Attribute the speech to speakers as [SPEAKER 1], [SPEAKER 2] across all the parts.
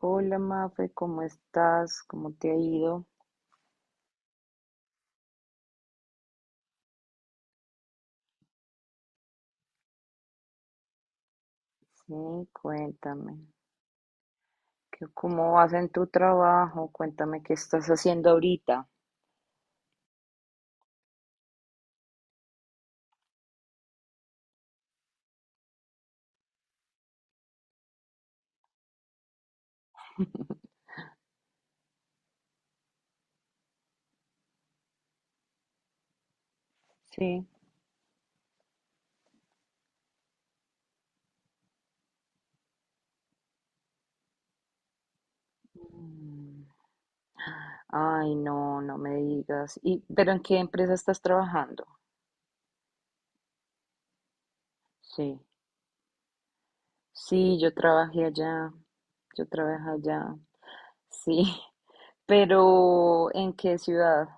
[SPEAKER 1] Hola Mafe, ¿cómo estás? ¿Cómo te ha ido? Sí, cuéntame. ¿Cómo vas en tu trabajo? Cuéntame qué estás haciendo ahorita. Sí. Mm. Ay, no, no me digas. ¿Y pero en qué empresa estás trabajando? Sí. Sí, yo trabajé allá. Yo trabajé allá. Sí. Pero ¿en qué ciudad?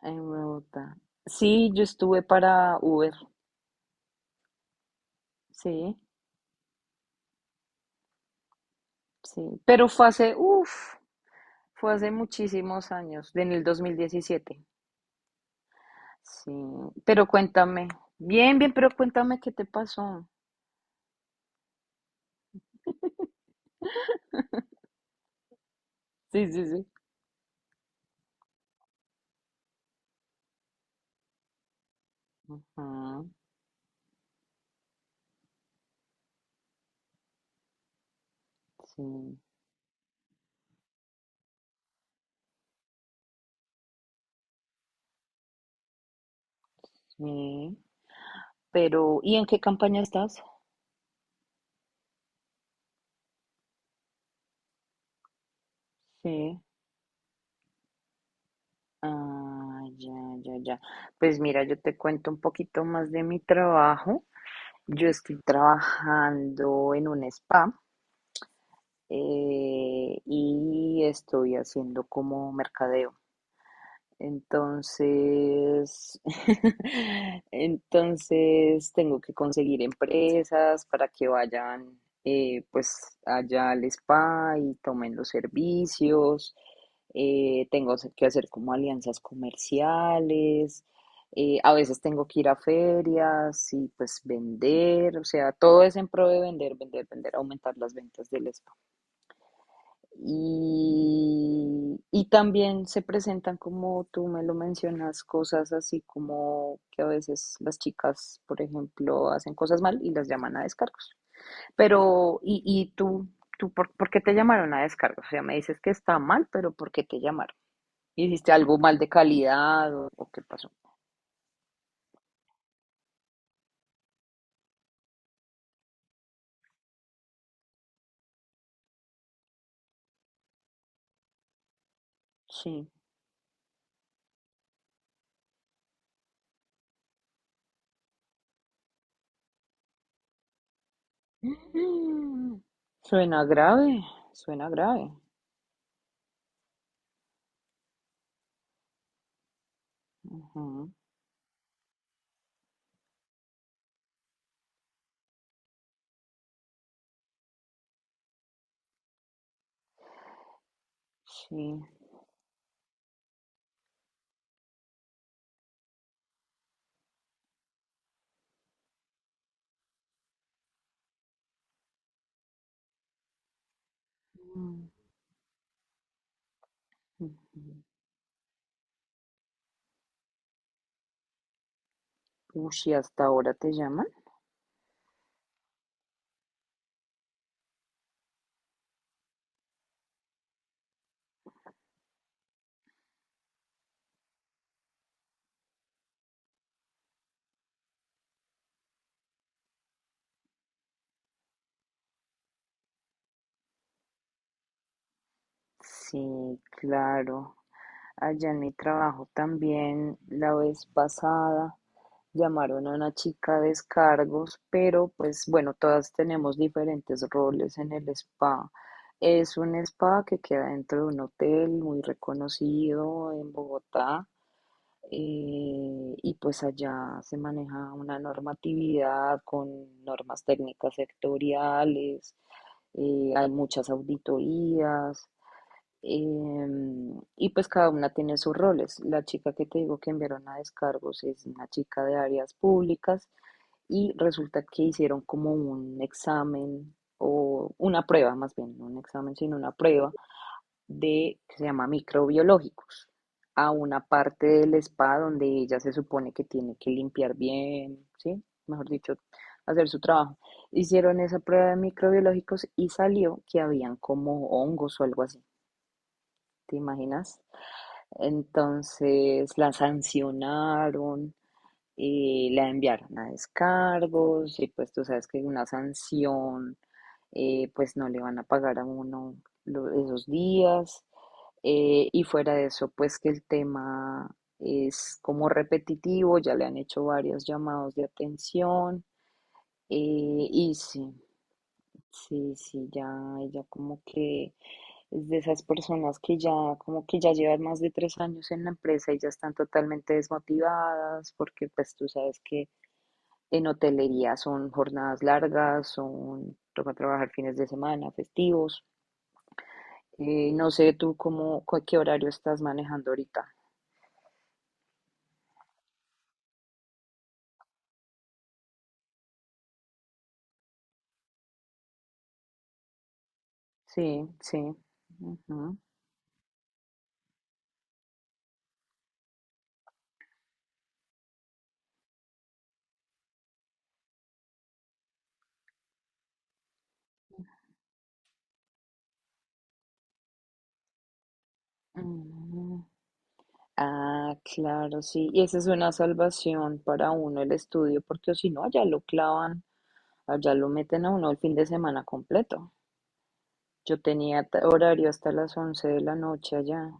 [SPEAKER 1] En Bogotá. Sí, yo estuve para Uber. Sí, sí. Pero fue hace, uff. Fue hace muchísimos años, en el 2017. Sí, pero cuéntame. Bien, bien, pero cuéntame qué te pasó. Sí, sí, sí. Ah, sí, sí. Pero, ¿y en qué campaña estás? Sí. Ah, ya, ya, ya. Pues mira, yo te cuento un poquito más de mi trabajo. Yo estoy trabajando en un spa, y estoy haciendo como mercadeo. Entonces, entonces tengo que conseguir empresas para que vayan, pues allá al spa y tomen los servicios. Tengo que hacer como alianzas comerciales. A veces tengo que ir a ferias y pues vender. O sea, todo es en pro de vender, vender, vender, aumentar las ventas del spa. Y también se presentan, como tú me lo mencionas, cosas así como que a veces las chicas, por ejemplo, hacen cosas mal y las llaman a descargos. Pero, ¿y tú por qué te llamaron a descargos? O sea, me dices que está mal, pero ¿por qué te llamaron? ¿Hiciste algo mal de calidad o qué pasó? Sí. Mm, Suena grave, suena grave. Ujú, sí. Ujú. Uy, ¿y hasta ahora te llaman? Sí, claro. Allá en mi trabajo también, la vez pasada, llamaron a una chica de descargos, pero pues bueno, todas tenemos diferentes roles en el spa. Es un spa que queda dentro de un hotel muy reconocido en Bogotá. Y pues allá se maneja una normatividad con normas técnicas sectoriales, hay muchas auditorías. Y pues cada una tiene sus roles. La chica que te digo que enviaron a descargos es una chica de áreas públicas y resulta que hicieron como un examen o una prueba, más bien, no un examen, sino una prueba de que se llama microbiológicos a una parte del spa donde ella se supone que tiene que limpiar bien, ¿sí? Mejor dicho, hacer su trabajo. Hicieron esa prueba de microbiológicos y salió que habían como hongos o algo así. ¿Te imaginas? Entonces la sancionaron, la enviaron a descargos y pues tú sabes que una sanción, pues no le van a pagar a uno esos días. Y fuera de eso, pues que el tema es como repetitivo, ya le han hecho varios llamados de atención. eh, y sí, sí, sí, ya ella como que es de esas personas que ya, como que ya llevan más de 3 años en la empresa y ya están totalmente desmotivadas, porque pues tú sabes que en hotelería son jornadas largas, son, toca trabajar fines de semana, festivos. No sé tú cómo, qué horario estás manejando ahorita. Sí, sí. Ujú. Mm. Ah, claro, sí. Y esa es una salvación para uno el estudio, porque si no, allá lo clavan, allá lo meten a uno el fin de semana completo. Yo tenía horario hasta las 11 de la noche allá.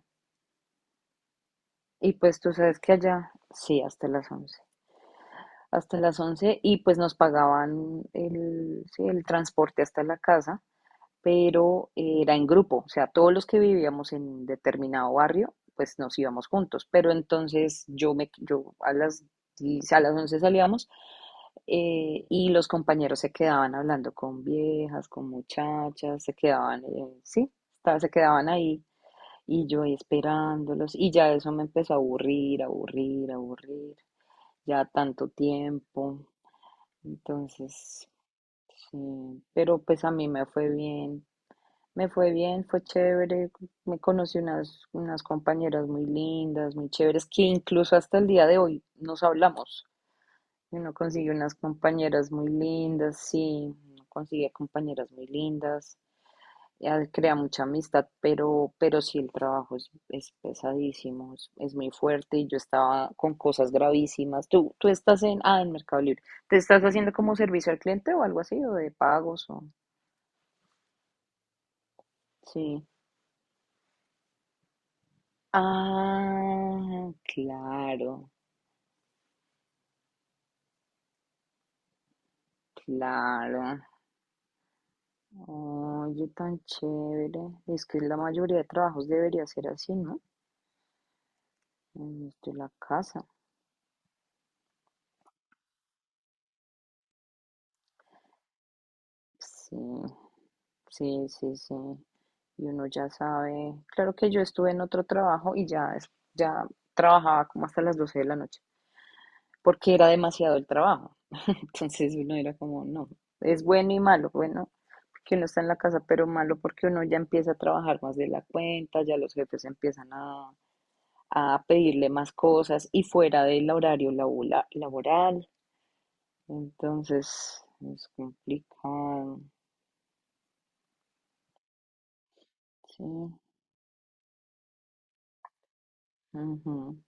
[SPEAKER 1] Y pues tú sabes que allá, sí, hasta las 11. Hasta las 11 y pues nos pagaban el, sí, el transporte hasta la casa, pero era en grupo. O sea, todos los que vivíamos en determinado barrio, pues nos íbamos juntos. Pero entonces yo a las, 10 a las 11 salíamos, y los compañeros se quedaban hablando con viejas, con muchachas, se quedaban, sí, se quedaban ahí. Y yo ahí esperándolos, y ya eso me empezó a aburrir, aburrir, aburrir, ya tanto tiempo. Entonces, sí, pero pues a mí me fue bien, fue chévere, me conocí unas compañeras muy lindas, muy chéveres, que incluso hasta el día de hoy nos hablamos. Uno consigue unas compañeras muy lindas, sí, uno consigue compañeras muy lindas. Ya él crea mucha amistad, pero, sí el trabajo es, pesadísimo, es, muy fuerte y yo estaba con cosas gravísimas. Tú estás en, Mercado Libre. ¿Te estás haciendo como servicio al cliente o algo así, o de pagos o? Sí. Ah, claro, claro. Oye, tan chévere. Es que la mayoría de trabajos debería ser así, ¿no? En de la casa. Sí, sí, sí, sí. Y uno ya sabe. Claro que yo estuve en otro trabajo y ya, ya trabajaba como hasta las 12 de la noche, porque era demasiado el trabajo. Entonces uno era como, no, es bueno y malo, bueno, porque uno está en la casa, pero malo porque uno ya empieza a trabajar más de la cuenta, ya los jefes empiezan a pedirle más cosas y fuera del horario laboral. Entonces es complicado. Sí, ujú,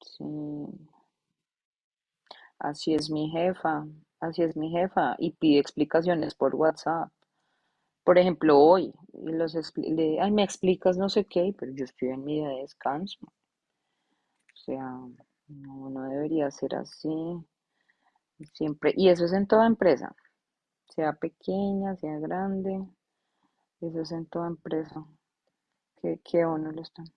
[SPEAKER 1] sí. Así es mi jefa, así es mi jefa, y pide explicaciones por WhatsApp. Por ejemplo, hoy, y ay, me explicas no sé qué, pero yo estoy en mi día de descanso. O sea, no, no debería ser así. Siempre, y eso es en toda empresa, sea pequeña, sea grande, eso es en toda empresa. Que a uno lo están.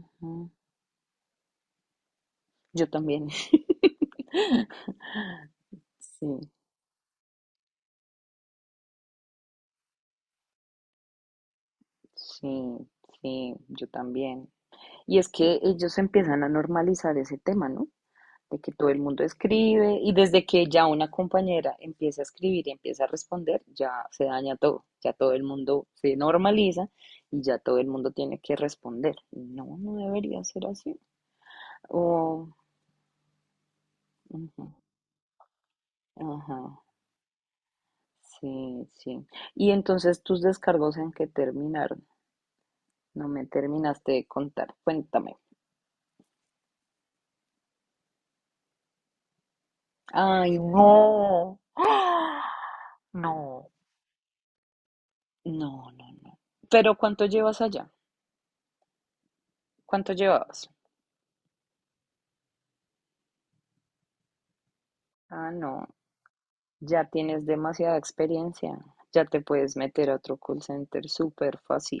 [SPEAKER 1] Ujú. Yo también, sí, sí, sí, yo también. Y es que ellos empiezan a normalizar ese tema, ¿no? De que todo el mundo escribe y desde que ya una compañera empieza a escribir y empieza a responder, ya se daña todo, ya todo el mundo se normaliza y ya todo el mundo tiene que responder. No, no debería ser así. O, ujú, ajá, sí, sí. Y entonces tus descargos en que terminaron. No me terminaste de contar. Cuéntame. Ay, no. ¡Ah! No, no, no, no. Pero ¿cuánto llevas allá? ¿Cuánto llevabas? Ah, no. Ya tienes demasiada experiencia, ya te puedes meter a otro call center súper fácil.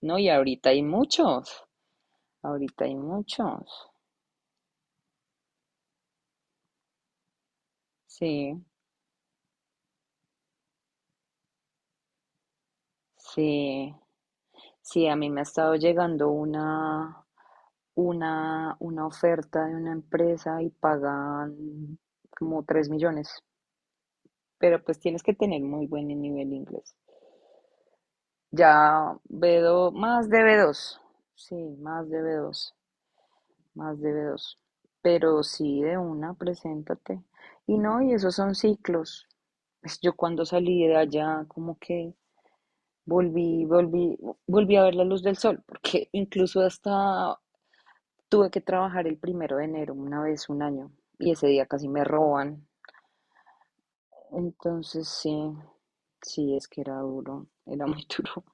[SPEAKER 1] No, y ahorita hay muchos, ahorita hay muchos. Sí, sí, sí, a mí me ha estado llegando una oferta de una empresa y pagan como 3 millones, pero pues tienes que tener muy buen nivel de inglés. Ya B2, más de B2, sí, más de B2. Más debe dos. Pero sí, de una, preséntate. Y no, y esos son ciclos. Pues yo cuando salí de allá, como que volví, volví, volví a ver la luz del sol, porque incluso hasta tuve que trabajar el primero de enero, una vez, un año, y ese día casi me roban. Entonces, sí, sí, es que era duro, era muy duro.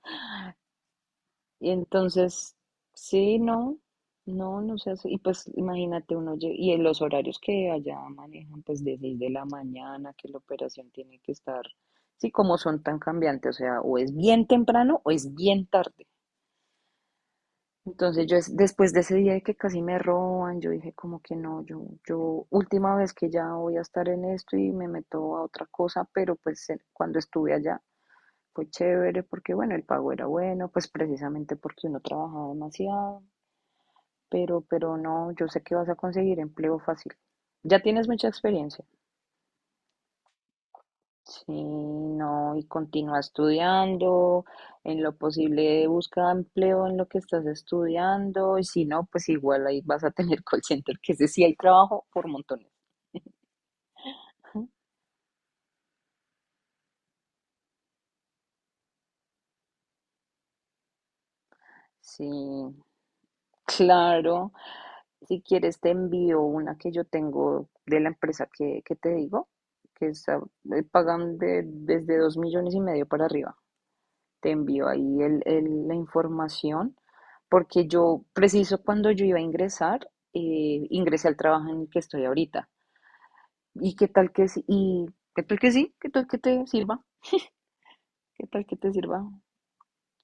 [SPEAKER 1] Y entonces, sí, no, no, no sé, y pues imagínate uno, y en los horarios que allá manejan, pues de 6 de la mañana, que la operación tiene que estar, sí, como son tan cambiantes, o sea, o es bien temprano o es bien tarde. Entonces yo después de ese día de que casi me roban, yo dije como que no, yo última vez que ya voy a estar en esto y me meto a otra cosa, pero pues cuando estuve allá fue chévere porque bueno, el pago era bueno, pues precisamente porque uno trabajaba demasiado, pero, no, yo sé que vas a conseguir empleo fácil. Ya tienes mucha experiencia. Sí, no, y continúa estudiando, en lo posible busca empleo en lo que estás estudiando, y si no, pues igual ahí vas a tener call center, que ese sí hay trabajo por montones. Ujú. Sí, claro. Si quieres te envío una que yo tengo de la empresa que te digo, que está, pagan desde 2,5 millones para arriba. Te envío ahí la información, porque yo, preciso cuando yo iba a ingresar, ingresé al trabajo en el que estoy ahorita. ¿Y qué tal que sí? ¿Y qué tal que sí? ¿Qué tal que te sirva? ¿Qué tal que te sirva?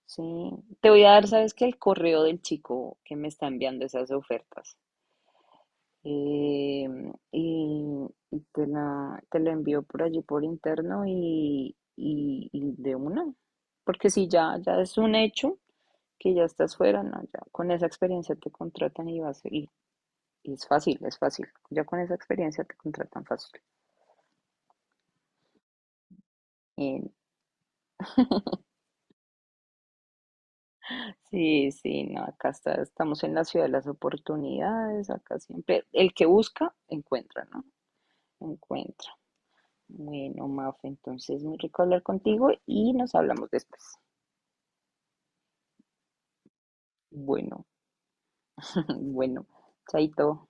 [SPEAKER 1] Sí, te voy a dar, ¿sabes qué? El correo del chico que me está enviando esas ofertas. Eh, y y te la envío por allí por interno y de una. Porque si ya, ya es un hecho, que ya estás fuera, no, ya con esa experiencia te contratan y vas y es fácil, es fácil. Ya con esa experiencia te contratan fácil. Y sí, sí, no, acá estamos en la ciudad de las oportunidades, acá siempre el que busca encuentra, ¿no? Encuentra. Bueno, Maf, entonces muy rico hablar contigo y nos hablamos después. Bueno, bueno, chaito.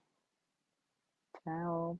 [SPEAKER 1] Chao.